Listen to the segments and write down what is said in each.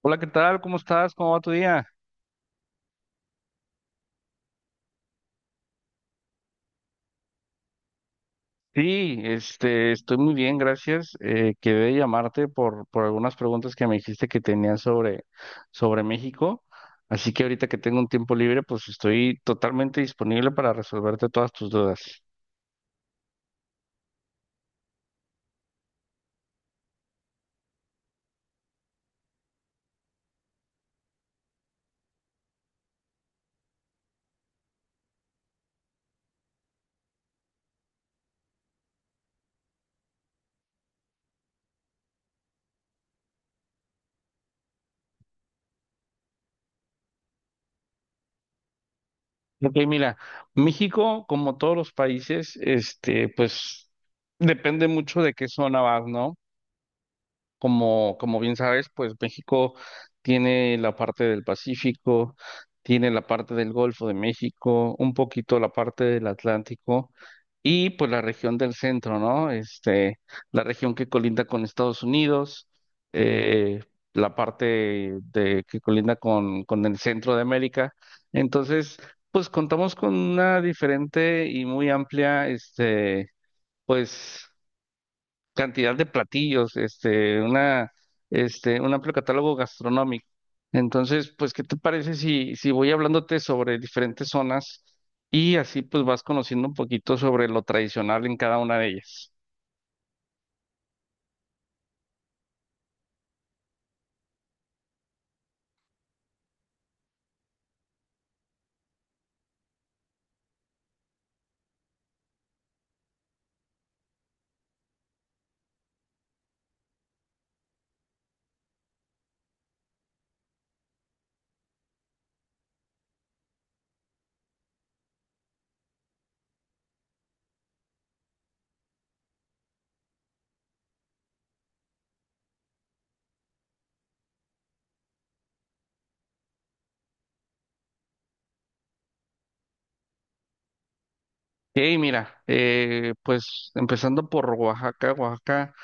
Hola, ¿qué tal? ¿Cómo estás? ¿Cómo va tu día? Sí, estoy muy bien, gracias. Quedé llamarte por algunas preguntas que me dijiste que tenías sobre México. Así que ahorita que tengo un tiempo libre, pues estoy totalmente disponible para resolverte todas tus dudas. Ok, mira, México, como todos los países, pues depende mucho de qué zona vas, ¿no? Como bien sabes, pues México tiene la parte del Pacífico, tiene la parte del Golfo de México, un poquito la parte del Atlántico y pues la región del centro, ¿no? La región que colinda con Estados Unidos, eh, la parte de que colinda con el centro de América. Entonces, pues contamos con una diferente y muy amplia, pues cantidad de platillos, un amplio catálogo gastronómico. Entonces, pues, ¿qué te parece si voy hablándote sobre diferentes zonas y así pues vas conociendo un poquito sobre lo tradicional en cada una de ellas? Y mira, pues empezando por Oaxaca,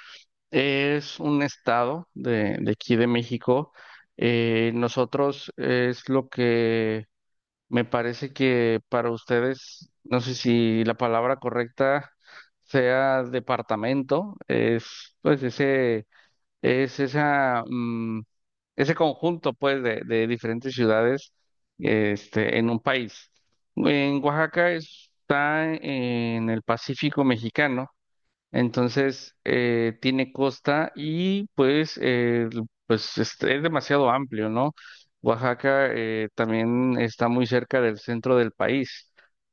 es un estado de aquí de México. Nosotros es lo que Me parece que para ustedes, no sé si la palabra correcta sea departamento, es pues ese, es esa, mm, ese conjunto pues de diferentes ciudades, en un país. En Oaxaca está en el Pacífico mexicano. Entonces, tiene costa y pues, es demasiado amplio, ¿no? Oaxaca también está muy cerca del centro del país.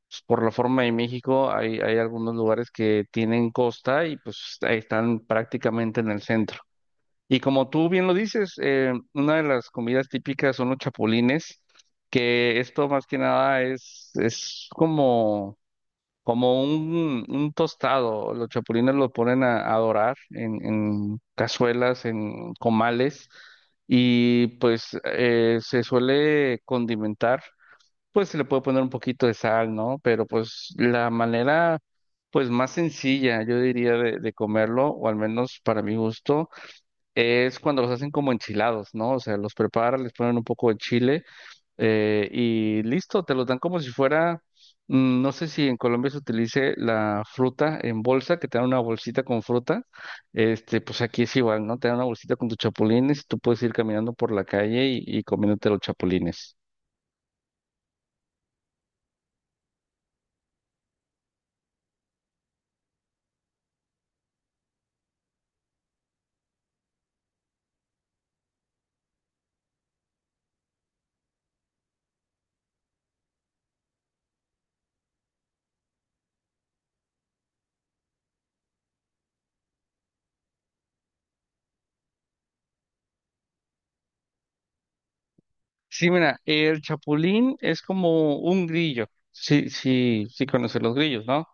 Pues, por la forma de México, hay algunos lugares que tienen costa y pues ahí están prácticamente en el centro. Y como tú bien lo dices, una de las comidas típicas son los chapulines, que esto más que nada es como un tostado. Los chapulines los ponen a dorar en cazuelas, en comales, y pues se suele condimentar. Pues se le puede poner un poquito de sal, ¿no? Pero pues la manera, pues más sencilla, yo diría, de comerlo, o al menos para mi gusto, es cuando los hacen como enchilados, ¿no? O sea, los preparan, les ponen un poco de chile, y listo, te los dan como si fuera, no sé si en Colombia se utilice la fruta en bolsa, que te dan una bolsita con fruta. Pues aquí es igual, ¿no? Te dan una bolsita con tus chapulines y tú puedes ir caminando por la calle y comiéndote los chapulines. Sí, mira, el chapulín es como un grillo. Sí, sí, sí conoces los grillos, ¿no?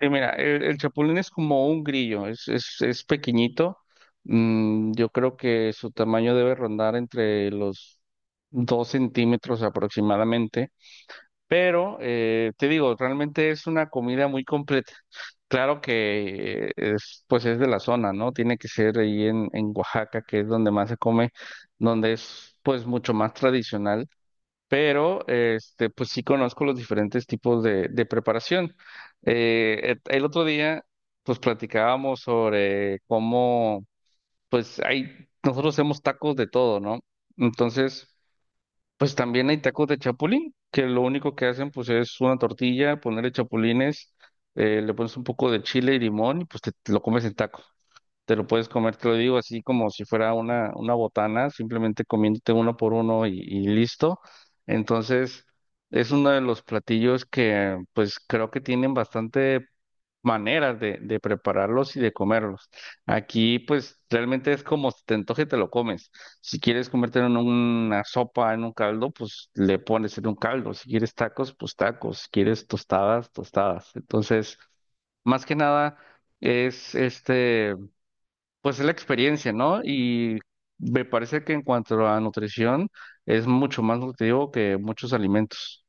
Mira, el chapulín es como un grillo, es pequeñito. Yo creo que su tamaño debe rondar entre los 2 cm aproximadamente. Pero te digo, realmente es una comida muy completa. Claro que pues es de la zona, ¿no? Tiene que ser ahí en Oaxaca, que es donde más se come, donde es pues mucho más tradicional. Pero pues sí conozco los diferentes tipos de preparación. El otro día, pues platicábamos sobre cómo, nosotros hacemos tacos de todo, ¿no? Entonces, pues también hay tacos de chapulín, que lo único que hacen, pues es una tortilla, ponerle chapulines, le pones un poco de chile y limón y pues te lo comes en taco. Te lo puedes comer, te lo digo, así como si fuera una botana, simplemente comiéndote uno por uno y listo. Entonces, es uno de los platillos que pues creo que tienen bastante maneras de prepararlos y de comerlos. Aquí pues realmente es como si te antoje, te lo comes. Si quieres comértelo en una sopa, en un caldo, pues le pones en un caldo. Si quieres tacos, pues tacos. Si quieres tostadas, tostadas. Entonces, más que nada. Es este pues Es la experiencia, ¿no? Y me parece que en cuanto a nutrición es mucho más nutritivo que muchos alimentos.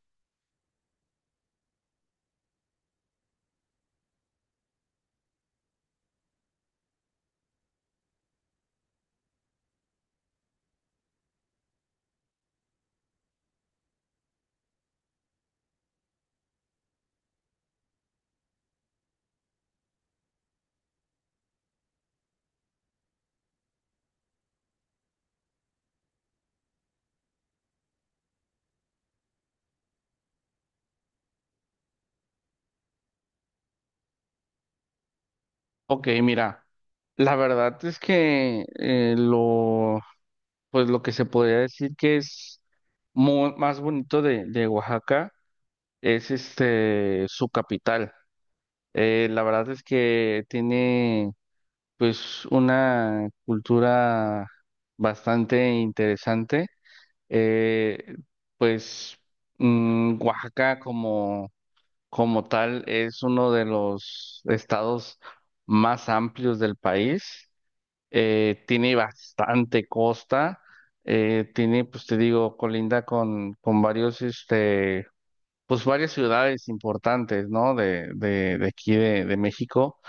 Ok, mira, la verdad es que pues lo que se podría decir que es más bonito de Oaxaca es su capital. La verdad es que tiene pues una cultura bastante interesante. Eh, pues Oaxaca como, tal es uno de los estados más amplios del país. Tiene bastante costa. Tiene, pues te digo, colinda con varios, pues varias ciudades importantes, ¿no? De aquí de México.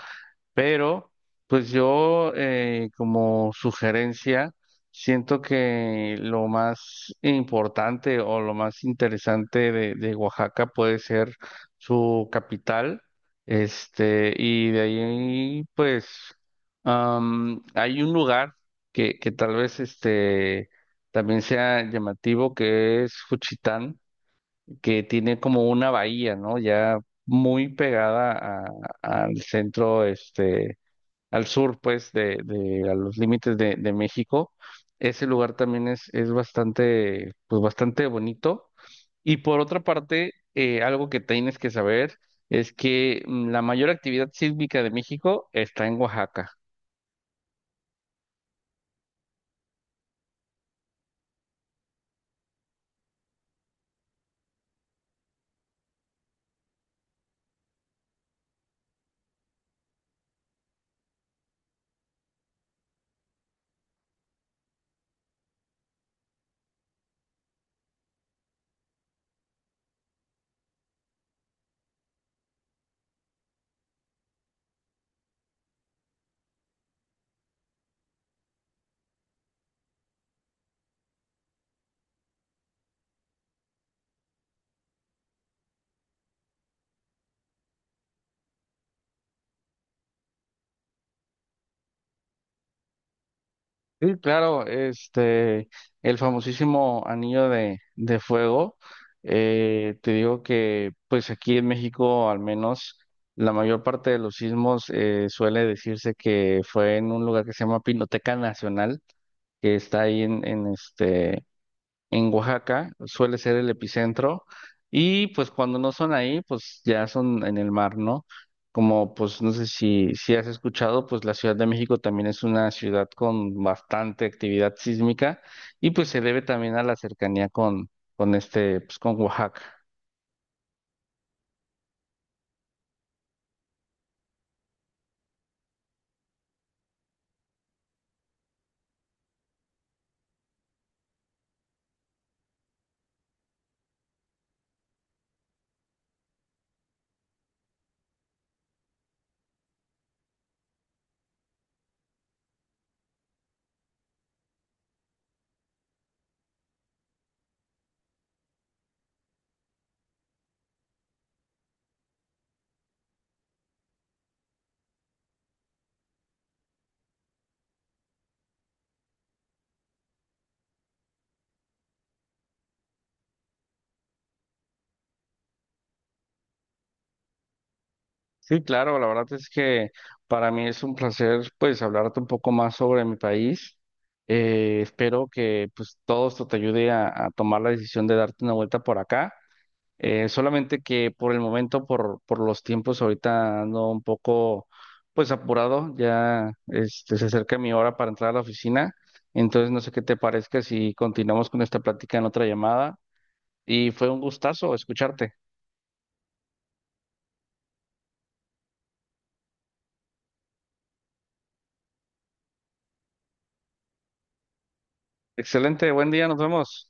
Pero, pues yo, como sugerencia, siento que lo más importante o lo más interesante de Oaxaca puede ser su capital. Y de ahí, pues, hay un lugar que tal vez también sea llamativo, que es Juchitán, que tiene como una bahía, ¿no? Ya muy pegada a- al centro, al sur, pues, a los límites de México. Ese lugar también es bastante, pues, bastante bonito. Y por otra parte, algo que tienes que saber es que la mayor actividad sísmica de México está en Oaxaca. Sí, claro, el famosísimo anillo de fuego. Te digo que pues aquí en México al menos la mayor parte de los sismos, suele decirse que fue en un lugar que se llama Pinoteca Nacional, que está ahí en Oaxaca, suele ser el epicentro, y pues cuando no son ahí, pues ya son en el mar, ¿no? Como pues no sé si has escuchado, pues la Ciudad de México también es una ciudad con bastante actividad sísmica y pues se debe también a la cercanía con este, pues con Oaxaca. Sí, claro, la verdad es que para mí es un placer pues hablarte un poco más sobre mi país. Espero que pues todo esto te ayude a tomar la decisión de darte una vuelta por acá. Solamente que por el momento, por los tiempos, ahorita ando un poco pues apurado, ya, se acerca mi hora para entrar a la oficina, entonces no sé qué te parezca si continuamos con esta plática en otra llamada y fue un gustazo escucharte. Excelente, buen día, nos vemos.